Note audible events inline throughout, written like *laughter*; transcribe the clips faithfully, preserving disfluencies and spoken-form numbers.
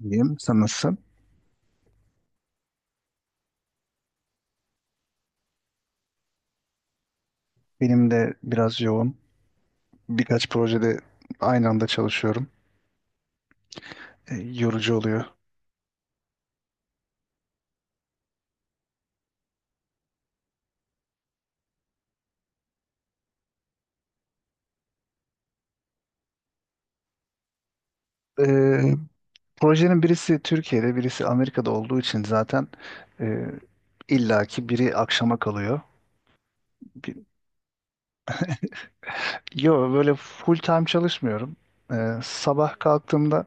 İyiyim. Sen nasılsın? Benim de biraz yoğun. Birkaç projede aynı anda çalışıyorum. E, yorucu oluyor. E, Projenin birisi Türkiye'de, birisi Amerika'da olduğu için zaten e, illaki biri akşama kalıyor. Bir- Yo, böyle full time çalışmıyorum. E, sabah kalktığımda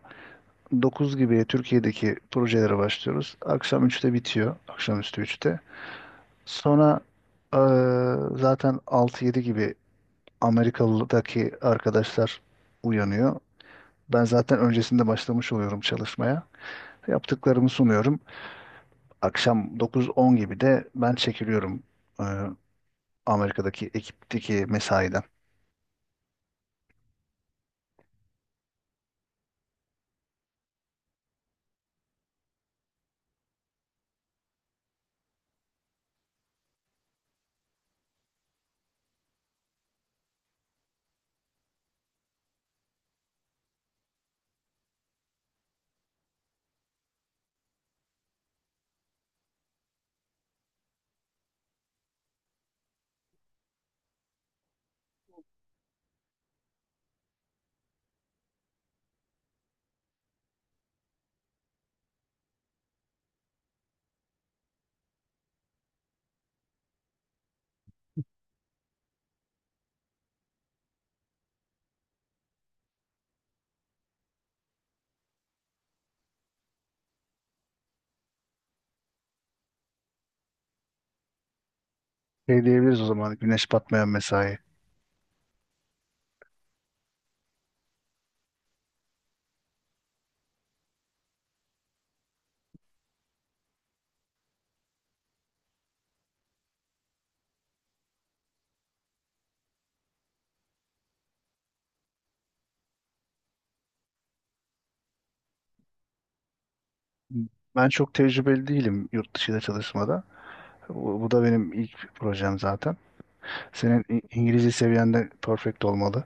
dokuz gibi Türkiye'deki projelere başlıyoruz. Akşam üçte bitiyor. Akşamüstü üçte. Sonra e, zaten altı yedi gibi Amerikalı'daki arkadaşlar uyanıyor. Ben zaten öncesinde başlamış oluyorum çalışmaya. Yaptıklarımı sunuyorum. Akşam dokuz on gibi de ben çekiliyorum e, Amerika'daki ekipteki mesaiden. Şey diyebiliriz o zaman, güneş batmayan mesai. Ben çok tecrübeli değilim yurt dışında çalışmada. Bu, bu da benim ilk projem zaten. Senin İ- İngilizce seviyen de perfect olmalı.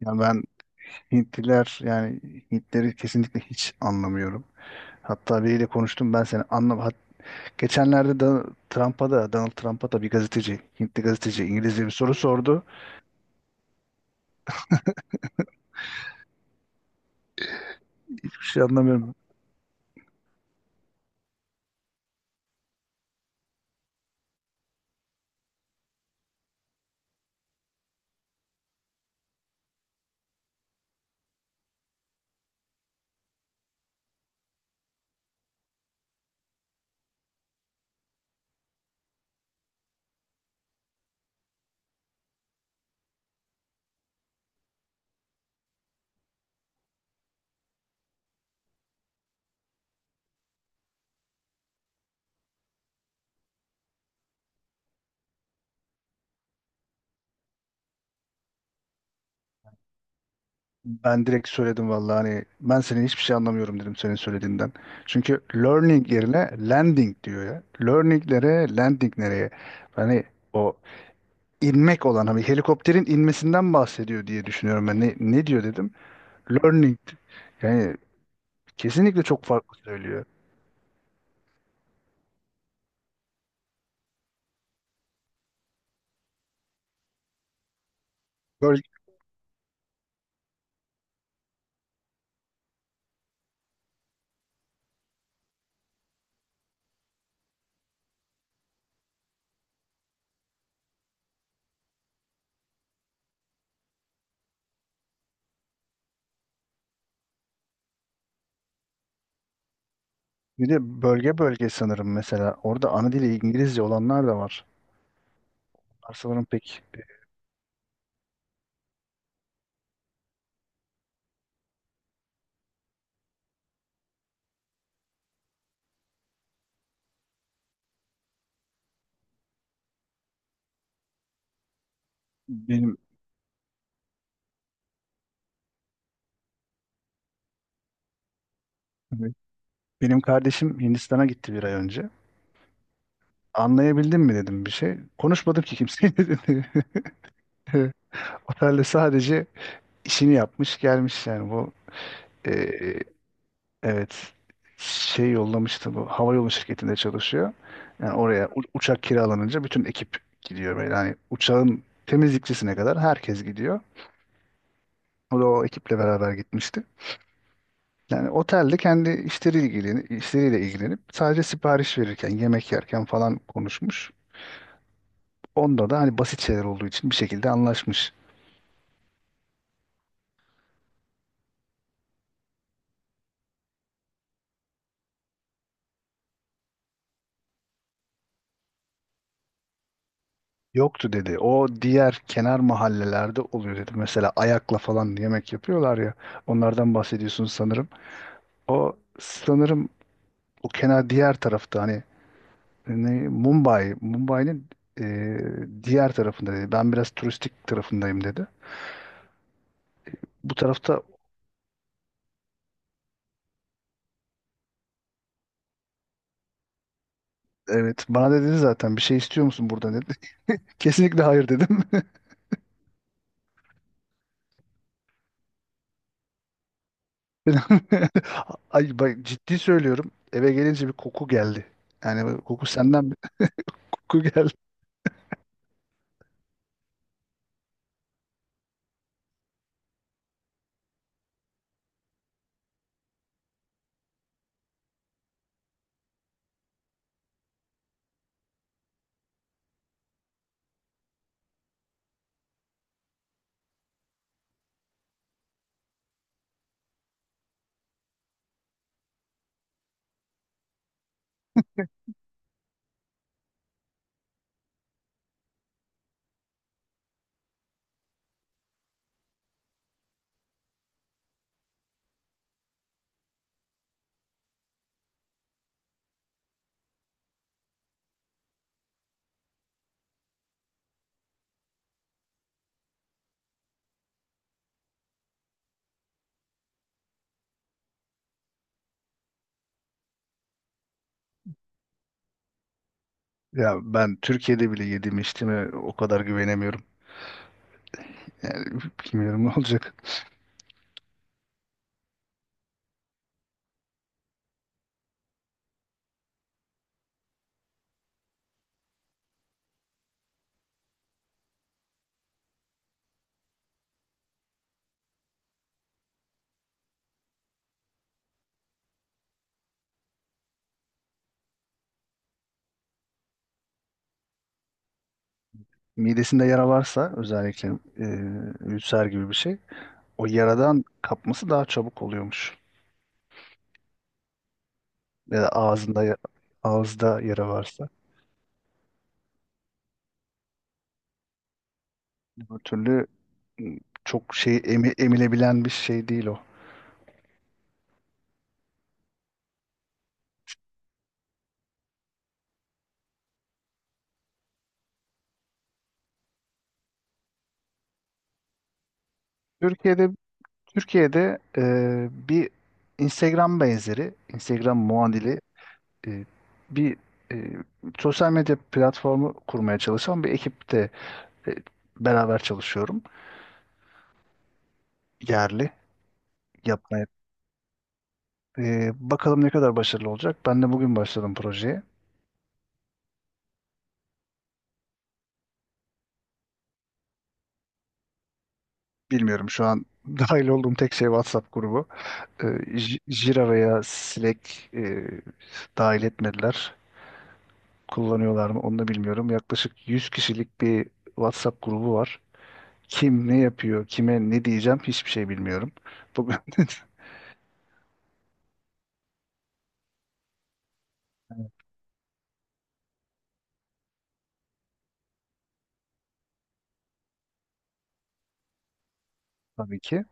Yani ben Hintliler, yani Hintleri kesinlikle hiç anlamıyorum. Hatta biriyle konuştum, ben seni anlam. Hat- Geçenlerde da Trump'a da, Donald Trump'a da bir gazeteci, Hintli gazeteci İngilizce bir soru sordu. Hiçbir şey anlamıyorum. Ben direkt söyledim vallahi, hani ben senin hiçbir şey anlamıyorum dedim senin söylediğinden. Çünkü learning yerine landing diyor ya. Learning nereye, landing nereye? Hani o inmek olan, hani helikopterin inmesinden bahsediyor diye düşünüyorum ben. Ne, ne diyor dedim? Learning. Yani kesinlikle çok farklı söylüyor. Böyle bir de bölge bölge sanırım mesela. Orada ana dili İngilizce olanlar da var. Onlar sanırım pek benim, evet, benim kardeşim Hindistan'a gitti bir ay önce. Anlayabildin mi dedim bir şey. Konuşmadım ki kimseyle *laughs* dedi. Otelde sadece işini yapmış gelmiş yani. Bu e, evet, şey yollamıştı, bu hava yolu şirketinde çalışıyor. Yani oraya u- uçak kiralanınca bütün ekip gidiyor böyle. Yani uçağın temizlikçisine kadar herkes gidiyor. O da o ekiple beraber gitmişti. Yani otelde kendi işleriyle ilgilenip, işleriyle ilgilenip sadece sipariş verirken, yemek yerken falan konuşmuş. Onda da hani basit şeyler olduğu için bir şekilde anlaşmış. Yoktu dedi. O diğer kenar mahallelerde oluyor dedi. Mesela ayakla falan yemek yapıyorlar ya. Onlardan bahsediyorsunuz sanırım. O sanırım o kenar diğer tarafta, hani ne, Mumbai, Mumbai'nin e, diğer tarafında dedi. Ben biraz turistik tarafındayım dedi. Bu tarafta evet, bana da dedi zaten, bir şey istiyor musun burada? Kesinlikle hayır dedim. *laughs* Ay bak, ciddi söylüyorum. Eve gelince bir koku geldi. Yani bu koku senden bir *laughs* koku geldi. Ya ben Türkiye'de bile yediğime içtiğime o kadar güvenemiyorum. Yani *laughs* bilmiyorum ne olacak. Midesinde yara varsa özellikle, e, ülser gibi bir şey. O yaradan kapması daha çabuk oluyormuş. Ya da ağzında ya- ağızda yara varsa. Öbür türlü m, çok şey emi- emilebilen bir şey değil o. Türkiye'de Türkiye'de e, bir Instagram benzeri, Instagram muadili, e, bir e, sosyal medya platformu kurmaya çalışan bir ekipte e, beraber çalışıyorum. Yerli yapmaya. E, bakalım ne kadar başarılı olacak. Ben de bugün başladım projeye. Bilmiyorum, şu an *laughs* dahil olduğum tek şey WhatsApp grubu. E, J- Jira veya Slack e, dahil etmediler. Kullanıyorlar mı onu da bilmiyorum. Yaklaşık yüz kişilik bir WhatsApp grubu var. Kim ne yapıyor, kime ne diyeceğim hiçbir şey bilmiyorum. Bugün *laughs* tabii ki.